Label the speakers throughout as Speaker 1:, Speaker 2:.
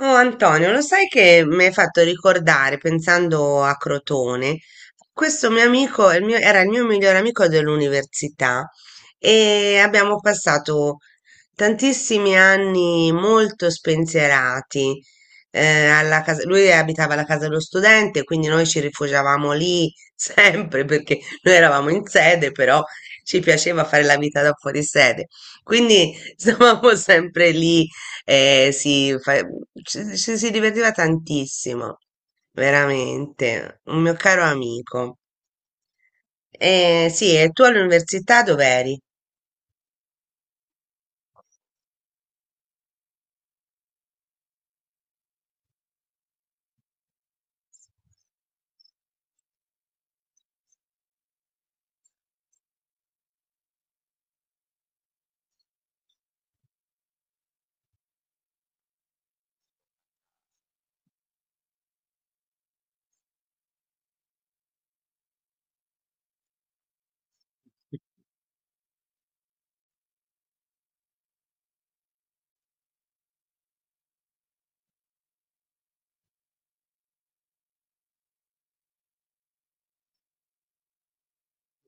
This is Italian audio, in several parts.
Speaker 1: Oh Antonio, lo sai che mi hai fatto ricordare, pensando a Crotone, questo mio amico, era il mio migliore amico dell'università e abbiamo passato tantissimi anni molto spensierati. Lui abitava alla casa dello studente, quindi noi ci rifugiavamo lì sempre perché noi eravamo in sede, però ci piaceva fare la vita da fuori sede. Quindi stavamo sempre lì. Si, ci si divertiva tantissimo, veramente, un mio caro amico. Sì, e tu all'università dov'eri?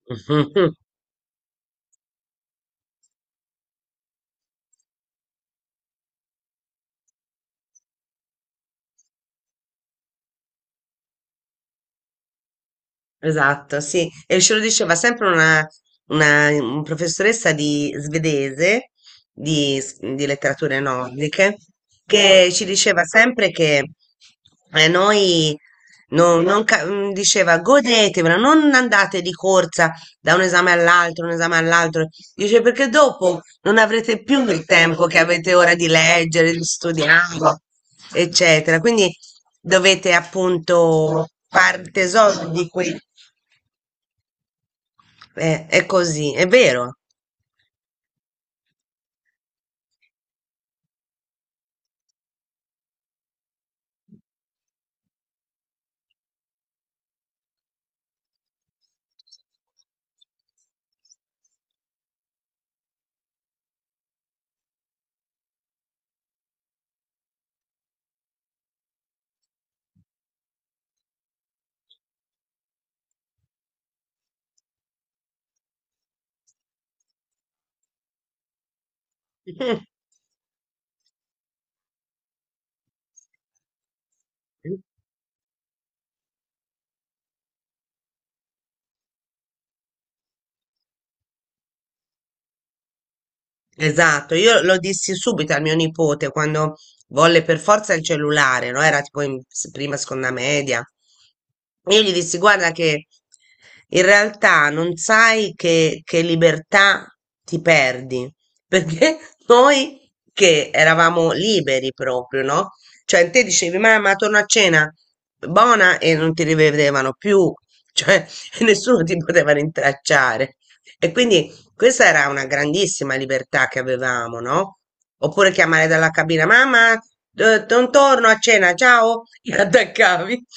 Speaker 1: Esatto, sì. E ce lo diceva sempre un professoressa di svedese, di letterature nordiche, che ci diceva sempre che noi, no- non ca- mm, diceva godetevela, non andate di corsa da un esame all'altro, un esame all'altro. Dice perché dopo non avrete più il tempo che avete ora di leggere, di studiare, eccetera. Quindi dovete appunto far tesoro di quei… È così, è vero. Esatto, io lo dissi subito al mio nipote quando volle per forza il cellulare, no? Era tipo prima, seconda media. Io gli dissi, guarda che in realtà non sai che libertà ti perdi, perché noi che eravamo liberi proprio, no? Cioè te dicevi, mamma, torno a cena, buona, e non ti rivedevano più, cioè nessuno ti poteva rintracciare. E quindi questa era una grandissima libertà che avevamo, no? Oppure chiamare dalla cabina, mamma, non torno a cena, ciao, e attaccavi.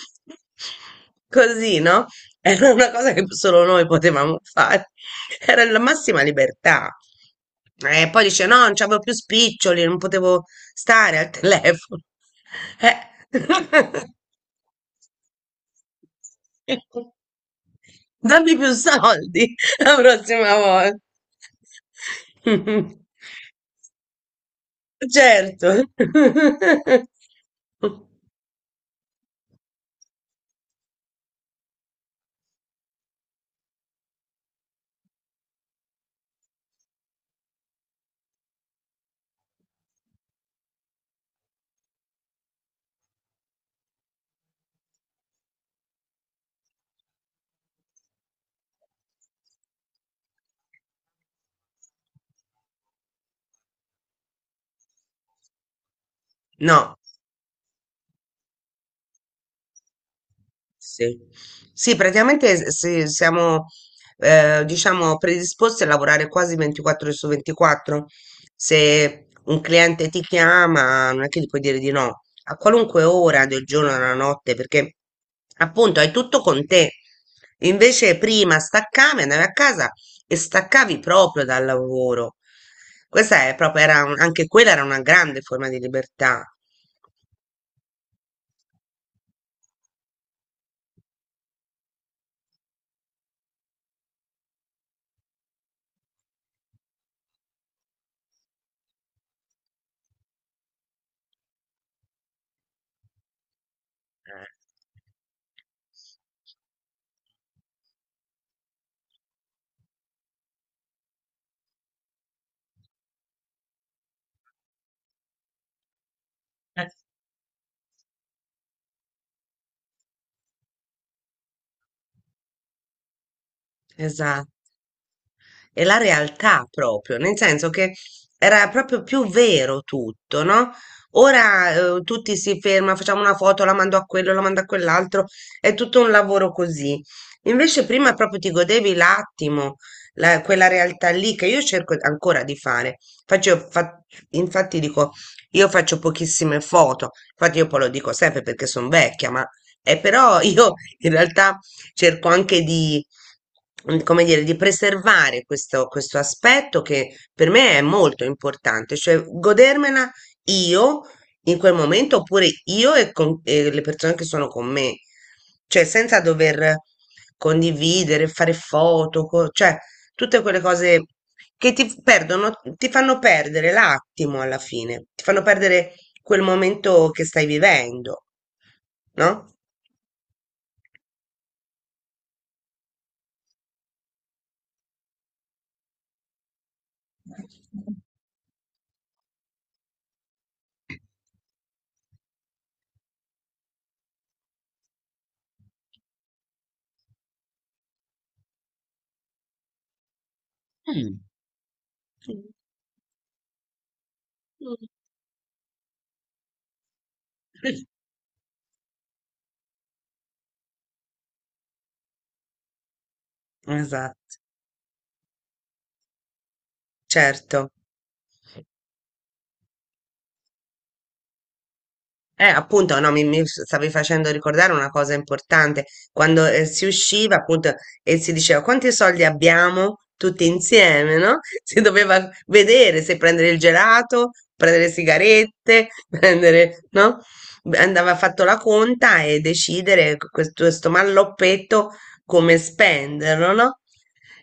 Speaker 1: Così, no? Era una cosa che solo noi potevamo fare. Era la massima libertà. E poi dice, no, non c'avevo più spiccioli, non potevo stare al telefono. Eh. Dammi più soldi la prossima volta. Certo. No. Sì, sì, praticamente sì, siamo, diciamo, predisposti a lavorare quasi 24 ore su 24. Se un cliente ti chiama, non è che gli puoi dire di no, a qualunque ora del giorno e della notte, perché appunto hai tutto con te. Invece prima staccavi, andavi a casa e staccavi proprio dal lavoro. Questa è proprio, anche quella era una grande forma di libertà. Eh. Eh, Esatto. E la realtà proprio, nel senso che era proprio più vero tutto, no? Ora tutti si ferma, facciamo una foto, la mando a quello, la mando a quell'altro, è tutto un lavoro così. Invece prima proprio ti godevi l'attimo, quella realtà lì che io cerco ancora di fare. Faccio, fa- Infatti dico, io faccio pochissime foto, infatti io poi lo dico sempre perché sono vecchia, ma però io in realtà cerco anche di come dire, di preservare questo aspetto che per me è molto importante, cioè godermela io in quel momento oppure e le persone che sono con me, cioè senza dover condividere, fare foto, cioè tutte quelle cose che ti perdono, ti fanno perdere l'attimo alla fine, ti fanno perdere quel momento che stai vivendo, no? Mm. Esatto, certo. Appunto, no, mi stavi facendo ricordare una cosa importante. Quando si usciva, appunto, e si diceva quanti soldi abbiamo tutti insieme, no? Si doveva vedere se prendere il gelato, prendere le sigarette, prendere, no? Andava fatto la conta e decidere questo, questo malloppetto come spenderlo, no?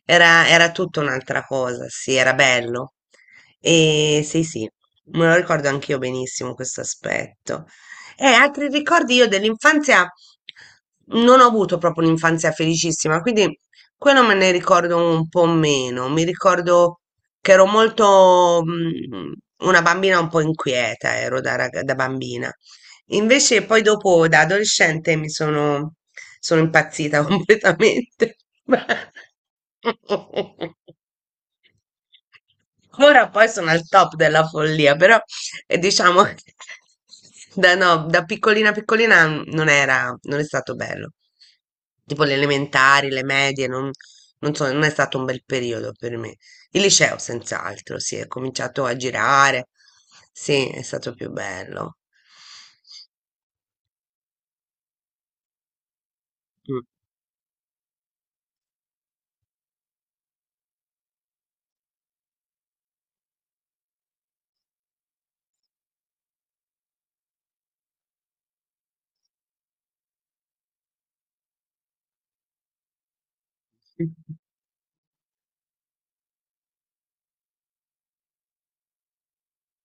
Speaker 1: Era tutta un'altra cosa, sì, era bello. E sì, sì, me lo ricordo anch'io benissimo questo aspetto. E altri ricordi io dell'infanzia… Non ho avuto proprio un'infanzia felicissima, quindi quello me ne ricordo un po' meno. Mi ricordo che ero molto una bambina un po' inquieta, ero da bambina. Invece poi dopo da adolescente sono impazzita completamente. Ora poi sono al top della follia, però e diciamo che da piccolina piccolina non è stato bello. Tipo le elementari, le medie, non so, non è stato un bel periodo per me. Il liceo, senz'altro, sì, è cominciato a girare. Sì, è stato più bello. Mm.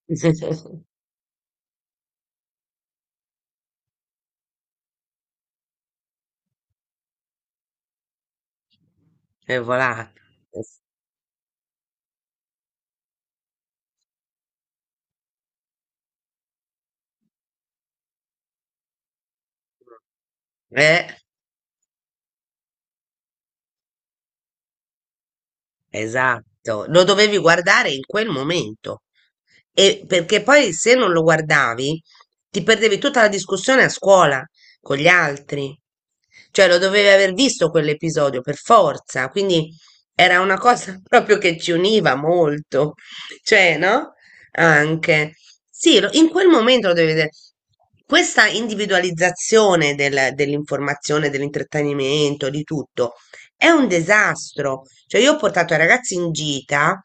Speaker 1: È volato. Eh? Esatto, lo dovevi guardare in quel momento. E perché poi se non lo guardavi, ti perdevi tutta la discussione a scuola con gli altri. Cioè, lo dovevi aver visto quell'episodio per forza, quindi era una cosa proprio che ci univa molto. Cioè, no? Anche. Sì, in quel momento lo devi vedere. Questa individualizzazione dell'informazione, dell'intrattenimento, di tutto è un disastro. Cioè, io ho portato i ragazzi in gita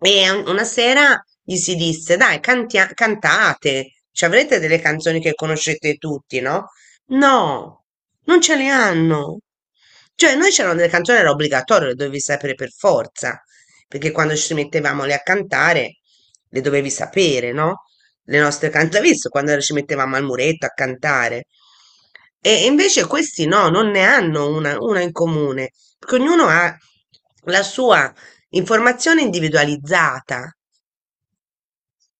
Speaker 1: e una sera gli si disse: Dai, cantate, ci avrete delle canzoni che conoscete tutti, no? No, non ce le hanno. Cioè, noi c'erano delle canzoni, era obbligatorio, le dovevi sapere per forza, perché quando ci mettevamo lì a cantare, le dovevi sapere, no? Le nostre cantatrici quando ci mettevamo al muretto a cantare. E invece questi no, non ne hanno una in comune, perché ognuno ha la sua informazione individualizzata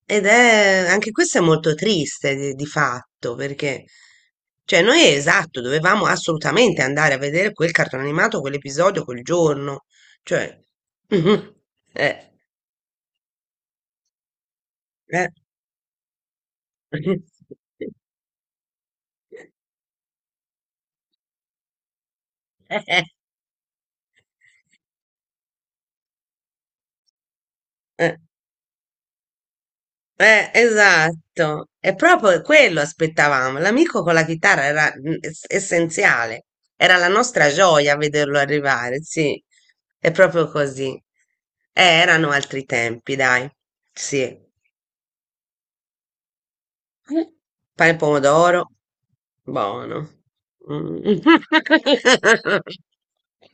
Speaker 1: ed è anche questo è molto triste di fatto, perché cioè noi esatto, dovevamo assolutamente andare a vedere quel cartone animato, quell'episodio, quel giorno, cioè eh, eh. Eh, eh. Esatto, è proprio quello aspettavamo. L'amico con la chitarra era essenziale, era la nostra gioia vederlo arrivare, sì, è proprio così. Erano altri tempi, dai, sì. Pane e pomodoro, buono. Mm.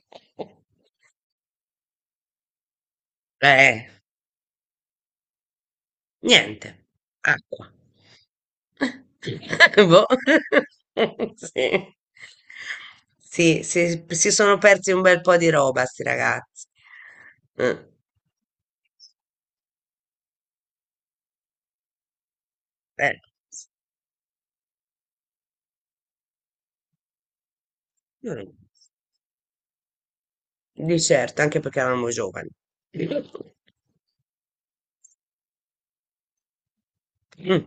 Speaker 1: Eh. Niente, acqua. Boh. Sì. Sì, si si sono persi un bel po' di roba, sti ragazzi. Mm. Eh, mm, Di certo, anche perché eravamo giovani. Mm.